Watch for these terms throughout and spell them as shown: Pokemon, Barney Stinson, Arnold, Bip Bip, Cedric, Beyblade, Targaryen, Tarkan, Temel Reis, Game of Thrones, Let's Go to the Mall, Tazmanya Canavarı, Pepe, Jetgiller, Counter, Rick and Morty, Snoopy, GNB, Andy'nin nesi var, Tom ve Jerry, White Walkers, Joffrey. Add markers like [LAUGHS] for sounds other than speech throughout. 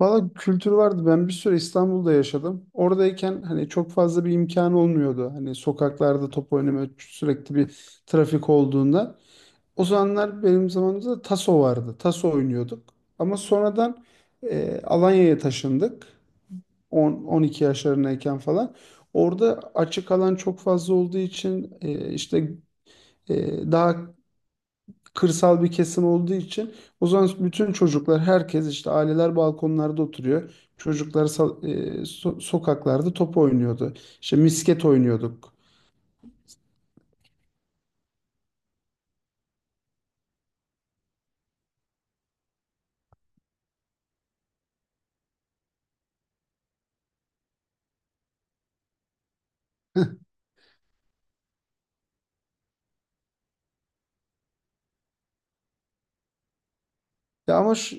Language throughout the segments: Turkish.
Valla kültür vardı. Ben bir süre İstanbul'da yaşadım. Oradayken hani çok fazla bir imkan olmuyordu. Hani sokaklarda top oynama sürekli bir trafik olduğunda. O zamanlar benim zamanımızda taso vardı. Taso oynuyorduk. Ama sonradan Alanya'ya taşındık. 10-12 yaşlarındayken falan. Orada açık alan çok fazla olduğu için işte daha kırsal bir kesim olduğu için o zaman bütün çocuklar herkes işte aileler balkonlarda oturuyor. Çocuklar sokaklarda top oynuyordu. İşte misket oynuyorduk. [LAUGHS] Ya ama şu-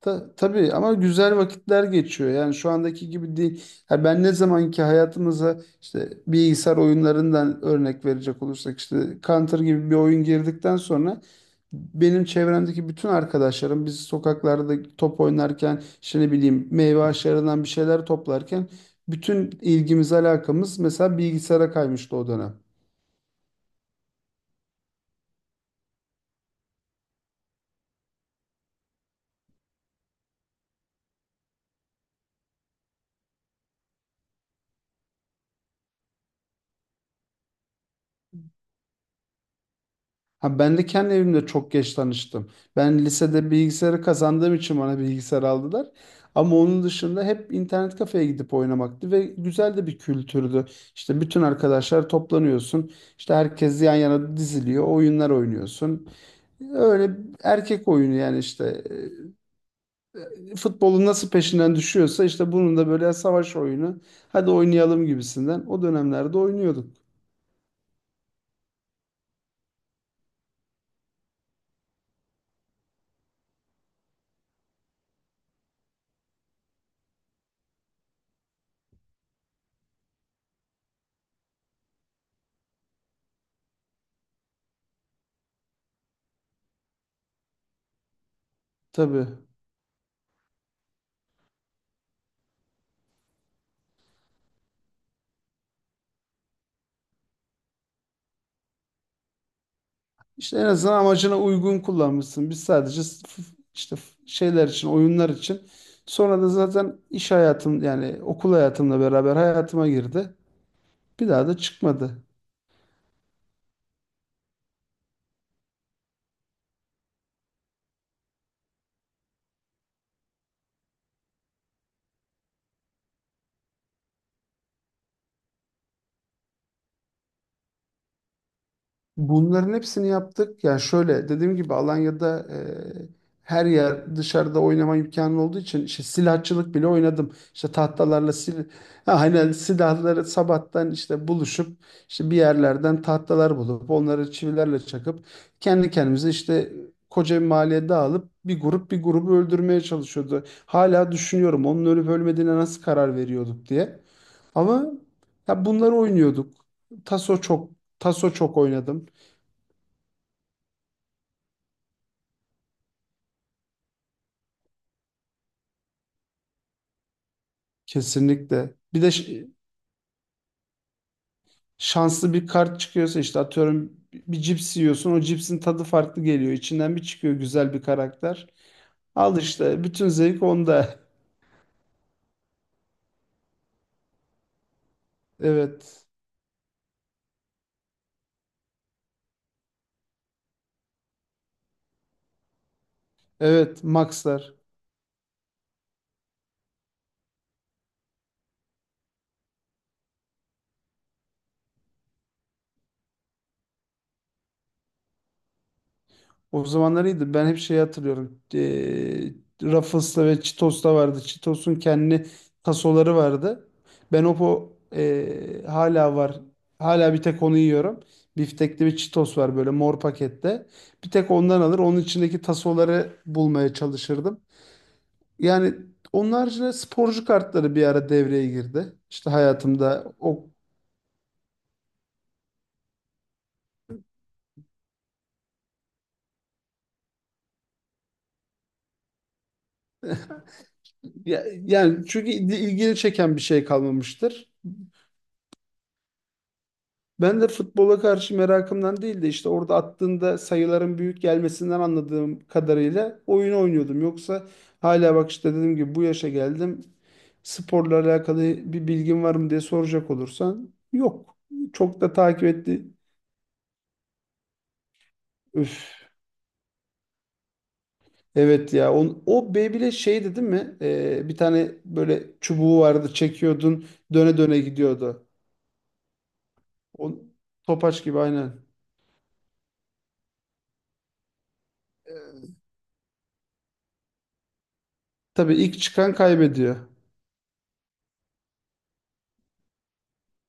Ta- tabii ama güzel vakitler geçiyor. Yani şu andaki gibi değil. Ha, ben ne zamanki hayatımıza işte bilgisayar oyunlarından örnek verecek olursak işte Counter gibi bir oyun girdikten sonra benim çevremdeki bütün arkadaşlarım biz sokaklarda top oynarken işte ne bileyim meyve ağaçlarından bir şeyler toplarken bütün ilgimiz alakamız mesela bilgisayara kaymıştı o dönem. Ha, ben de kendi evimde çok geç tanıştım. Ben lisede bilgisayarı kazandığım için bana bilgisayar aldılar. Ama onun dışında hep internet kafeye gidip oynamaktı ve güzel de bir kültürdü. İşte bütün arkadaşlar toplanıyorsun. İşte herkes yan yana diziliyor. Oyunlar oynuyorsun. Öyle erkek oyunu yani işte futbolun nasıl peşinden düşüyorsa işte bunun da böyle savaş oyunu. Hadi oynayalım gibisinden. O dönemlerde oynuyorduk. Tabii. İşte en azından amacına uygun kullanmışsın. Biz sadece f- şeyler için, oyunlar için. Sonra da zaten iş hayatım yani okul hayatımla beraber hayatıma girdi. Bir daha da çıkmadı. Bunların hepsini yaptık. Yani şöyle dediğim gibi Alanya'da her yer dışarıda oynama imkanı olduğu için işte silahçılık bile oynadım. İşte tahtalarla ha, hani silahları sabahtan işte buluşup işte bir yerlerden tahtalar bulup onları çivilerle çakıp kendi kendimize işte koca bir mahalleye dağılıp bir grup bir grubu öldürmeye çalışıyordu. Hala düşünüyorum onun ölüp ölmediğine nasıl karar veriyorduk diye. Ama ya bunları oynuyorduk. Taso çok Taso çok oynadım. Kesinlikle. Bir de şanslı bir kart çıkıyorsa işte atıyorum bir cips yiyorsun o cipsin tadı farklı geliyor. İçinden bir çıkıyor güzel bir karakter. Al işte bütün zevk onda. [LAUGHS] Evet. Evet Maxlar. O zamanlar iyiydi. Ben hep şey hatırlıyorum. Ruffles'ta ve Cheetos'ta vardı. Cheetos'un kendi tasoları vardı. Ben o po- hala var. Hala bir tek onu yiyorum. Biftekli bir Cheetos var böyle mor pakette. Bir tek ondan alır. Onun içindeki tasoları bulmaya çalışırdım. Yani onun haricinde sporcu kartları bir ara devreye girdi. İşte hayatımda yani çünkü ilgini çeken bir şey kalmamıştır. Ben de futbola karşı merakımdan değil de işte orada attığında sayıların büyük gelmesinden anladığım kadarıyla oyun oynuyordum. Yoksa hala bak işte dediğim gibi bu yaşa geldim. Sporla alakalı bir bilgin var mı diye soracak olursan yok. Çok da takip etti. Üf, evet ya o Beyblade şeydi değil mi? Bir tane böyle çubuğu vardı çekiyordun döne döne gidiyordu. O, topaç gibi aynen. Tabii ilk çıkan kaybediyor.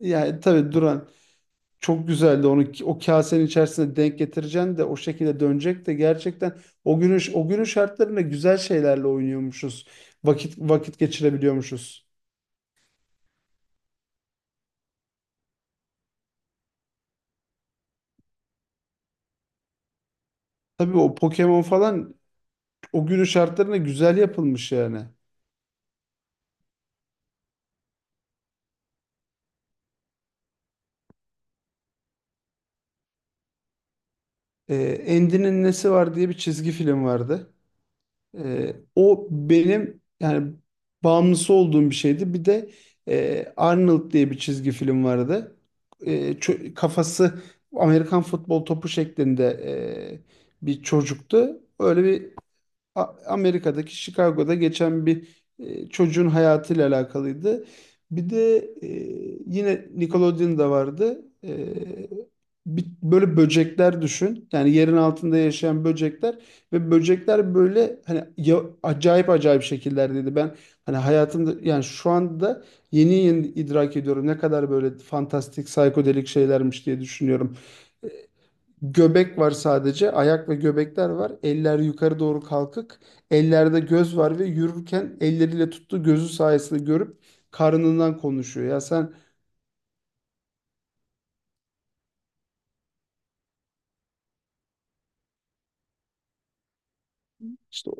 Yani tabii duran. Çok güzeldi onu o kasenin içerisine denk getireceksin de o şekilde dönecek de gerçekten o günün şartlarında güzel şeylerle oynuyormuşuz. Vakit vakit geçirebiliyormuşuz. Tabii o Pokemon falan o günün şartlarında güzel yapılmış yani. Andy'nin nesi var diye bir çizgi film vardı. O benim yani bağımlısı olduğum bir şeydi. Bir de Arnold diye bir çizgi film vardı. Kafası Amerikan futbol topu şeklinde bir çocuktu. Öyle bir Amerika'daki Chicago'da geçen bir çocuğun hayatıyla alakalıydı. Bir de e, yine Nickelodeon'da vardı. Böyle böcekler düşün. Yani yerin altında yaşayan böcekler ve böcekler böyle hani acayip acayip şekillerdeydi. Ben hani hayatımda yani şu anda yeni yeni idrak ediyorum ne kadar böyle fantastik psikodelik şeylermiş diye düşünüyorum. E, Göbek var sadece. Ayak ve göbekler var. Eller yukarı doğru kalkık. Ellerde göz var ve yürürken elleriyle tuttuğu gözü sayesinde görüp karnından konuşuyor. Ya sen işte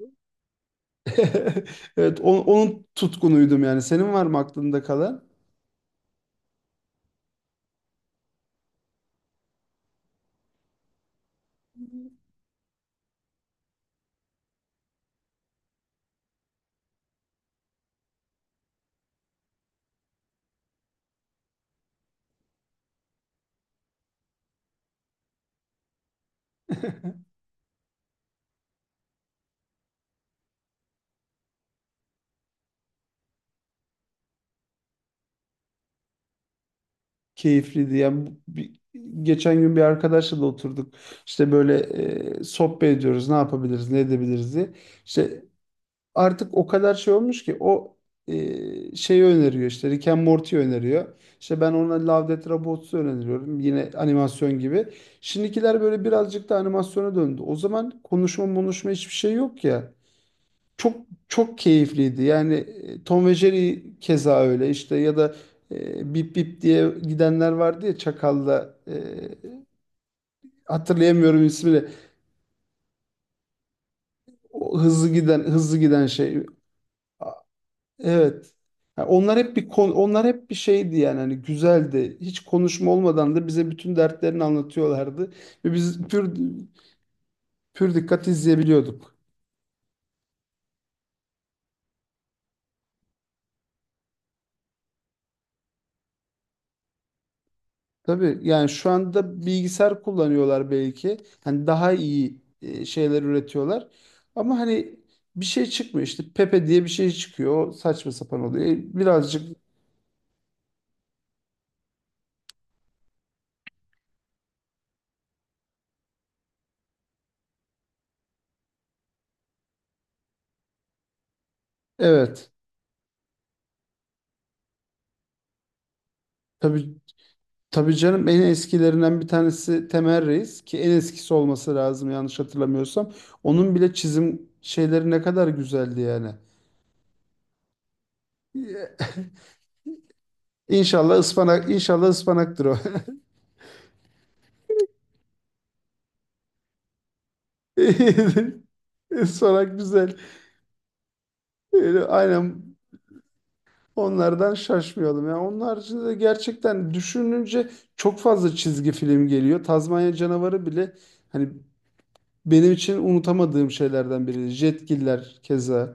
[LAUGHS] evet, onun tutkunuydum yani. Senin var mı aklında kalan? [LAUGHS] Keyifliydi. Yani geçen gün bir arkadaşla da oturduk. İşte böyle sohbet ediyoruz. Ne yapabiliriz, ne edebiliriz diye. İşte artık o kadar şey olmuş ki o şeyi öneriyor işte Rick and Morty öneriyor. İşte ben ona Love, Death, Robots'u öneriyorum. Yine animasyon gibi. Şimdikiler böyle birazcık da animasyona döndü. O zaman konuşma konuşma hiçbir şey yok ya. Çok çok keyifliydi. Yani Tom ve Jerry keza öyle işte ya da Bip Bip diye gidenler vardı ya Çakal'la hatırlayamıyorum ismini. O hızlı giden hızlı giden şey. Evet. Ha, onlar hep bir şeydi yani hani güzeldi. Hiç konuşma olmadan da bize bütün dertlerini anlatıyorlardı ve biz pür dikkat izleyebiliyorduk. Tabii yani şu anda bilgisayar kullanıyorlar belki. Hani daha iyi şeyler üretiyorlar. Ama hani bir şey çıkmıyor işte Pepe diye bir şey çıkıyor. O saçma sapan oluyor. Birazcık evet. Tabii, tabii canım en eskilerinden bir tanesi Temel Reis ki en eskisi olması lazım yanlış hatırlamıyorsam. Onun bile çizim şeyleri ne kadar güzeldi yani. [LAUGHS] İnşallah ıspanak, inşallah ıspanaktır o. [LAUGHS] Ispanak güzel. Öyle aynen onlardan şaşmayalım. Yani onun haricinde de gerçekten düşününce çok fazla çizgi film geliyor. Tazmanya Canavarı bile hani benim için unutamadığım şeylerden biri. Jetgiller keza.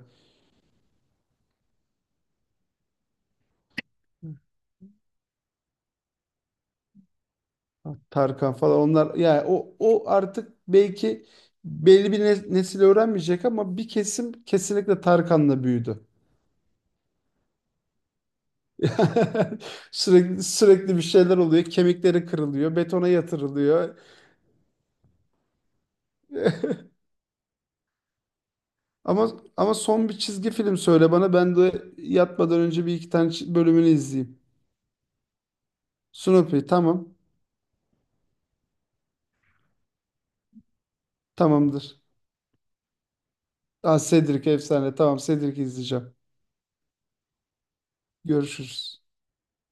Tarkan falan onlar yani o o artık belki belli bir nesil öğrenmeyecek ama bir kesim kesinlikle Tarkan'la büyüdü. [LAUGHS] Sürekli sürekli bir şeyler oluyor. Kemikleri kırılıyor, betona yatırılıyor. [LAUGHS] Ama ama son bir çizgi film söyle bana. Ben de yatmadan önce bir iki tane bölümünü izleyeyim. Snoopy tamam. Tamamdır. Aa, Cedric efsane. Tamam Cedric'i izleyeceğim. Görüşürüz.